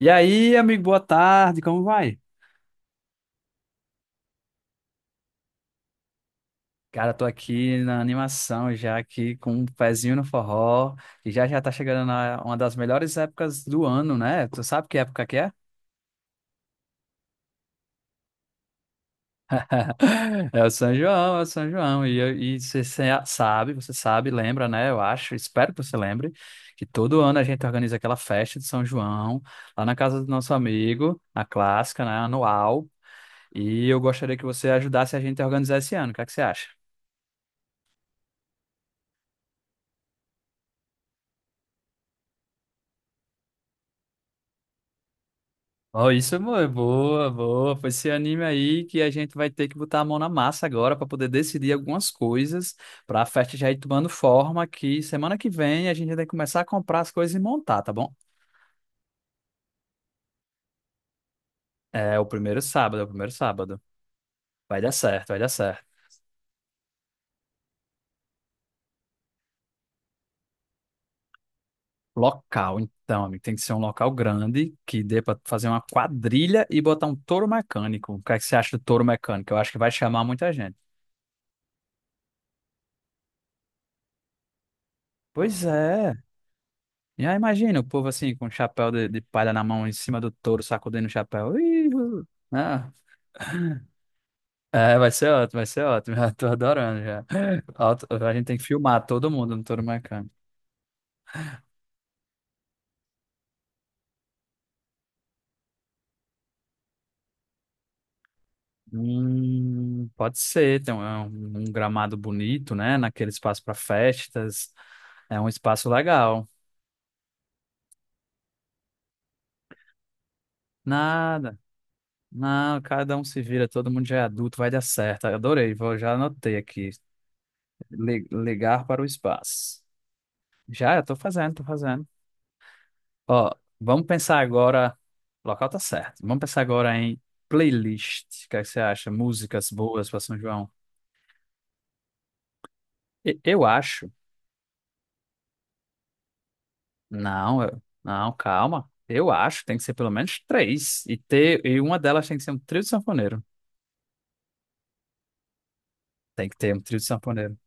E aí, amigo, boa tarde, como vai? Cara, tô aqui na animação já aqui com um pezinho no forró e já já tá chegando na uma das melhores épocas do ano, né? Tu sabe que época que é? É o São João, é o São João. E você sabe, lembra, né? Eu acho, espero que você lembre, que todo ano a gente organiza aquela festa de São João lá na casa do nosso amigo, a clássica, né? Anual. E eu gostaria que você ajudasse a gente a organizar esse ano. O que é que você acha? Ó, isso, amor, é boa, boa. Foi esse anime aí que a gente vai ter que botar a mão na massa agora para poder decidir algumas coisas para a festa já ir tomando forma que semana que vem a gente já tem que começar a comprar as coisas e montar, tá bom? É o primeiro sábado, é o primeiro sábado. Vai dar certo, vai dar certo. Local, então, amigo, tem que ser um local grande que dê para fazer uma quadrilha e botar um touro mecânico. O que é que você acha do touro mecânico? Eu acho que vai chamar muita gente. Pois é, e aí imagina o povo assim, com o chapéu de palha na mão, em cima do touro, sacudindo o chapéu. Ih. Ah, é, vai ser ótimo, vai ser ótimo. Já tô adorando já. A gente tem que filmar todo mundo no touro mecânico. Pode ser, tem um, é um- um gramado bonito, né? Naquele espaço para festas. É um espaço legal. Nada. Não, cada um se vira, todo mundo já é adulto, vai dar certo. Eu adorei, vou, já anotei aqui. Ligar para o espaço. Já, eu tô fazendo, tô fazendo. Ó, vamos pensar agora. O local tá certo. Vamos pensar agora em playlist. O que é que você acha? Músicas boas para São João? Eu acho. Não, calma. Eu acho, tem que ser pelo menos três. E, ter, e uma delas tem que ser um trio de sanfoneiro. Tem que ter um trio de sanfoneiro.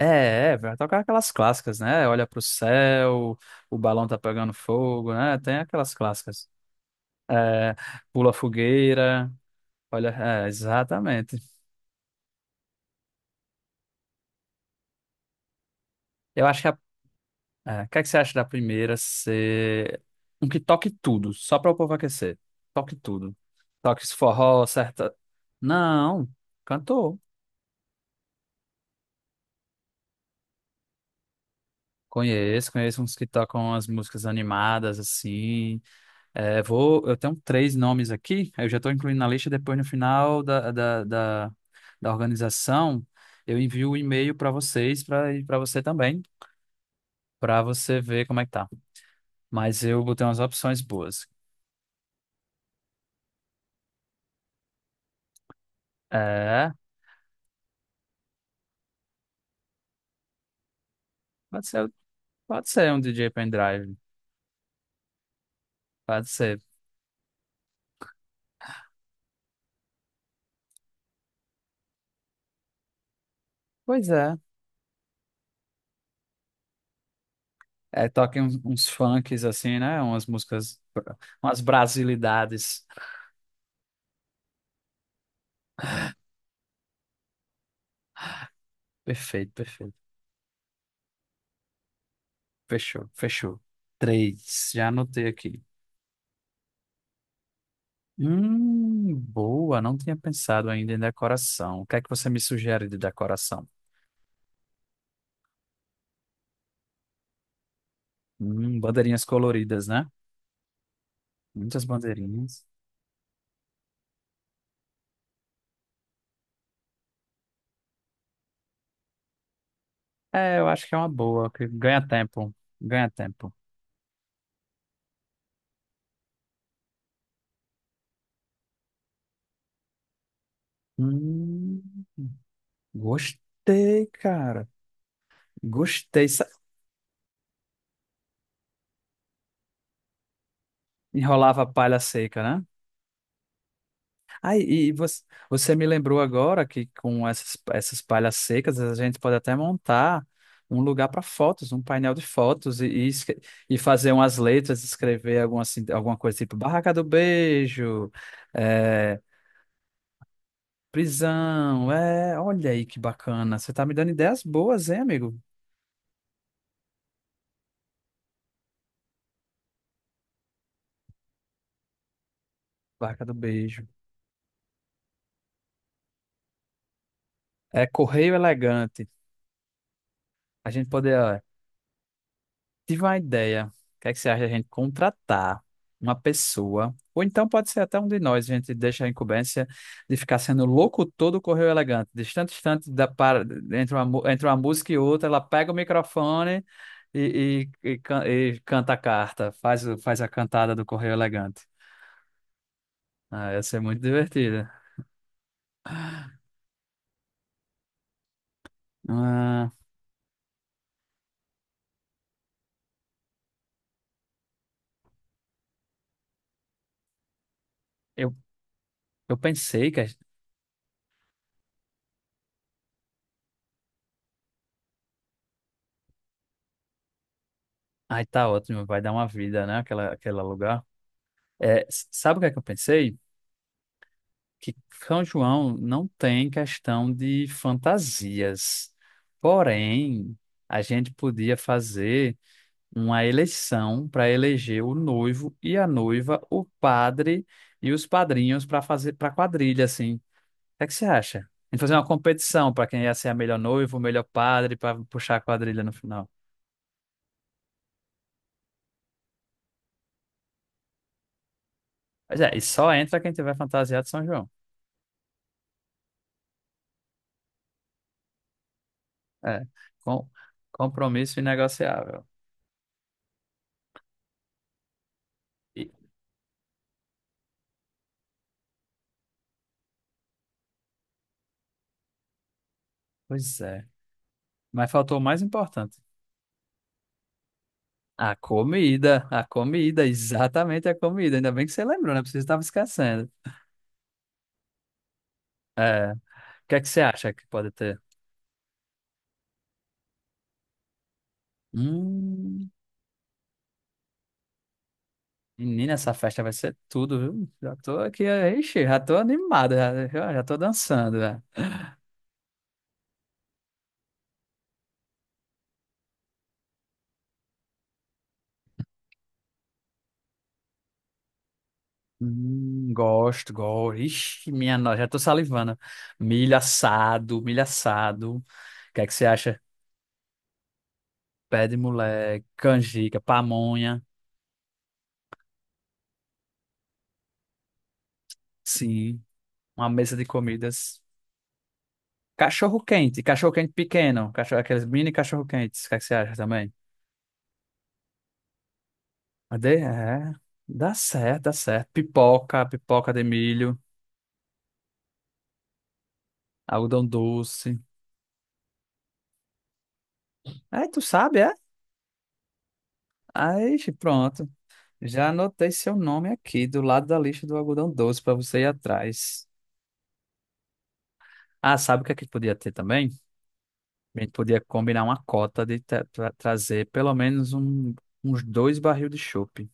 É, é, vai tocar aquelas clássicas, né? Olha pro céu, o balão tá pegando fogo, né? Tem aquelas clássicas. É, pula fogueira. Olha, é, exatamente. Eu acho que a É, o que é que você acha da primeira ser um que toque tudo, só para o povo aquecer? Toque tudo. Toque esse forró, certa. Não, cantor. Conheço, conheço uns que tocam as músicas animadas, assim. É, vou, eu tenho três nomes aqui, eu já estou incluindo na lista, depois no final da organização, eu envio o um e-mail para vocês, para você também, para você ver como é que tá. Mas eu botei umas opções boas. É, pode ser, pode ser um DJ pendrive, pode ser. Pois é. É, toquem uns, uns funks assim, né? Umas brasilidades. Perfeito, perfeito. Fechou, fechou. Três, já anotei aqui. Boa, não tinha pensado ainda em decoração. O que é que você me sugere de decoração? Bandeirinhas coloridas, né? Muitas bandeirinhas. É, eu acho que é uma boa, que ganha tempo, ganha tempo. Hum, gostei, cara. Gostei. Enrolava palha seca, né? Ah, você me lembrou agora que com essas palhas secas a gente pode até montar um lugar para fotos, um painel de fotos e fazer umas letras, escrever alguma, assim, alguma coisa tipo Barraca do Beijo, é, prisão. É, olha aí que bacana. Você tá me dando ideias boas, hein, amigo? Barraca do Beijo. É Correio Elegante. A gente poder Tive uma ideia. O que é que você acha da gente contratar uma pessoa? Ou então pode ser até um de nós, a gente deixa a incumbência de ficar sendo locutor do Correio Elegante. Distante, distante da para, entre uma música e outra, ela pega o microfone e canta a carta, faz, faz a cantada do Correio Elegante. Ah, ia ser muito divertida. Ah, eu, eu pensei que. Ai, tá ótimo, vai dar uma vida, né? Aquela, aquele lugar. É, sabe o que é que eu pensei? Que São João não tem questão de fantasias. Porém, a gente podia fazer uma eleição para eleger o noivo e a noiva, o padre e os padrinhos para fazer para quadrilha assim. O que é que você acha? A gente fazer uma competição para quem ia ser a melhor noiva, o melhor padre para puxar a quadrilha no final. Pois é, e só entra quem tiver fantasiado de São João. É, com compromisso inegociável. E- pois é. Mas faltou o mais importante. A comida, exatamente a comida. Ainda bem que você lembrou, né? Porque você estava esquecendo. É, o que é que você acha que pode ter? Hum, menina, essa festa vai ser tudo, viu? Já tô aqui, ixi, já tô animado, já, já já tô dançando, né? Gosto, gosto. Ixi, minha nossa, já tô salivando. Milho assado, milho assado. O que é que você acha? Pé de moleque, canjica, pamonha. Sim, uma mesa de comidas. Cachorro quente pequeno, cachorro, aqueles mini cachorro quentes, o que é que você acha também? Cadê? É, dá certo, dá certo. Pipoca, pipoca de milho, algodão doce. Aí tu sabe, é? Aí pronto. Já anotei seu nome aqui do lado da lista do algodão doce para você ir atrás. Ah, sabe o que é que podia ter também? A gente podia combinar uma cota de trazer pelo menos uns dois barril de chopp.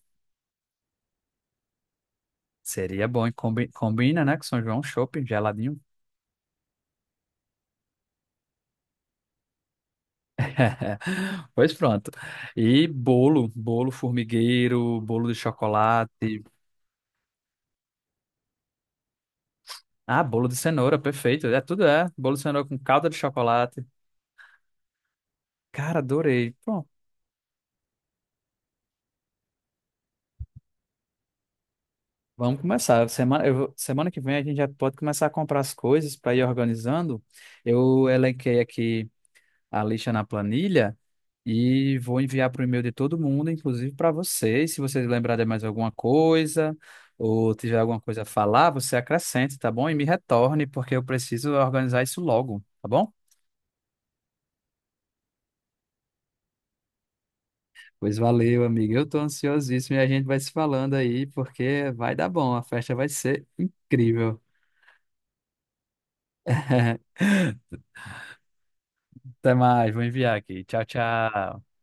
Seria bom, e combina, né? Que São João, chopp, geladinho. Pois pronto. E bolo, bolo formigueiro, bolo de chocolate. Ah, bolo de cenoura, perfeito. É tudo é. Bolo de cenoura com calda de chocolate. Cara, adorei. Bom, vamos começar. Semana que vem a gente já pode começar a comprar as coisas para ir organizando. Eu elenquei aqui a lista na planilha. E vou enviar para o e-mail de todo mundo, inclusive para vocês. Se vocês lembrarem de mais alguma coisa ou tiver alguma coisa a falar, você acrescente, tá bom? E me retorne, porque eu preciso organizar isso logo, tá bom? Pois valeu, amigo. Eu tô ansiosíssimo e a gente vai se falando aí, porque vai dar bom. A festa vai ser incrível. Até mais, vou enviar aqui. Tchau, tchau.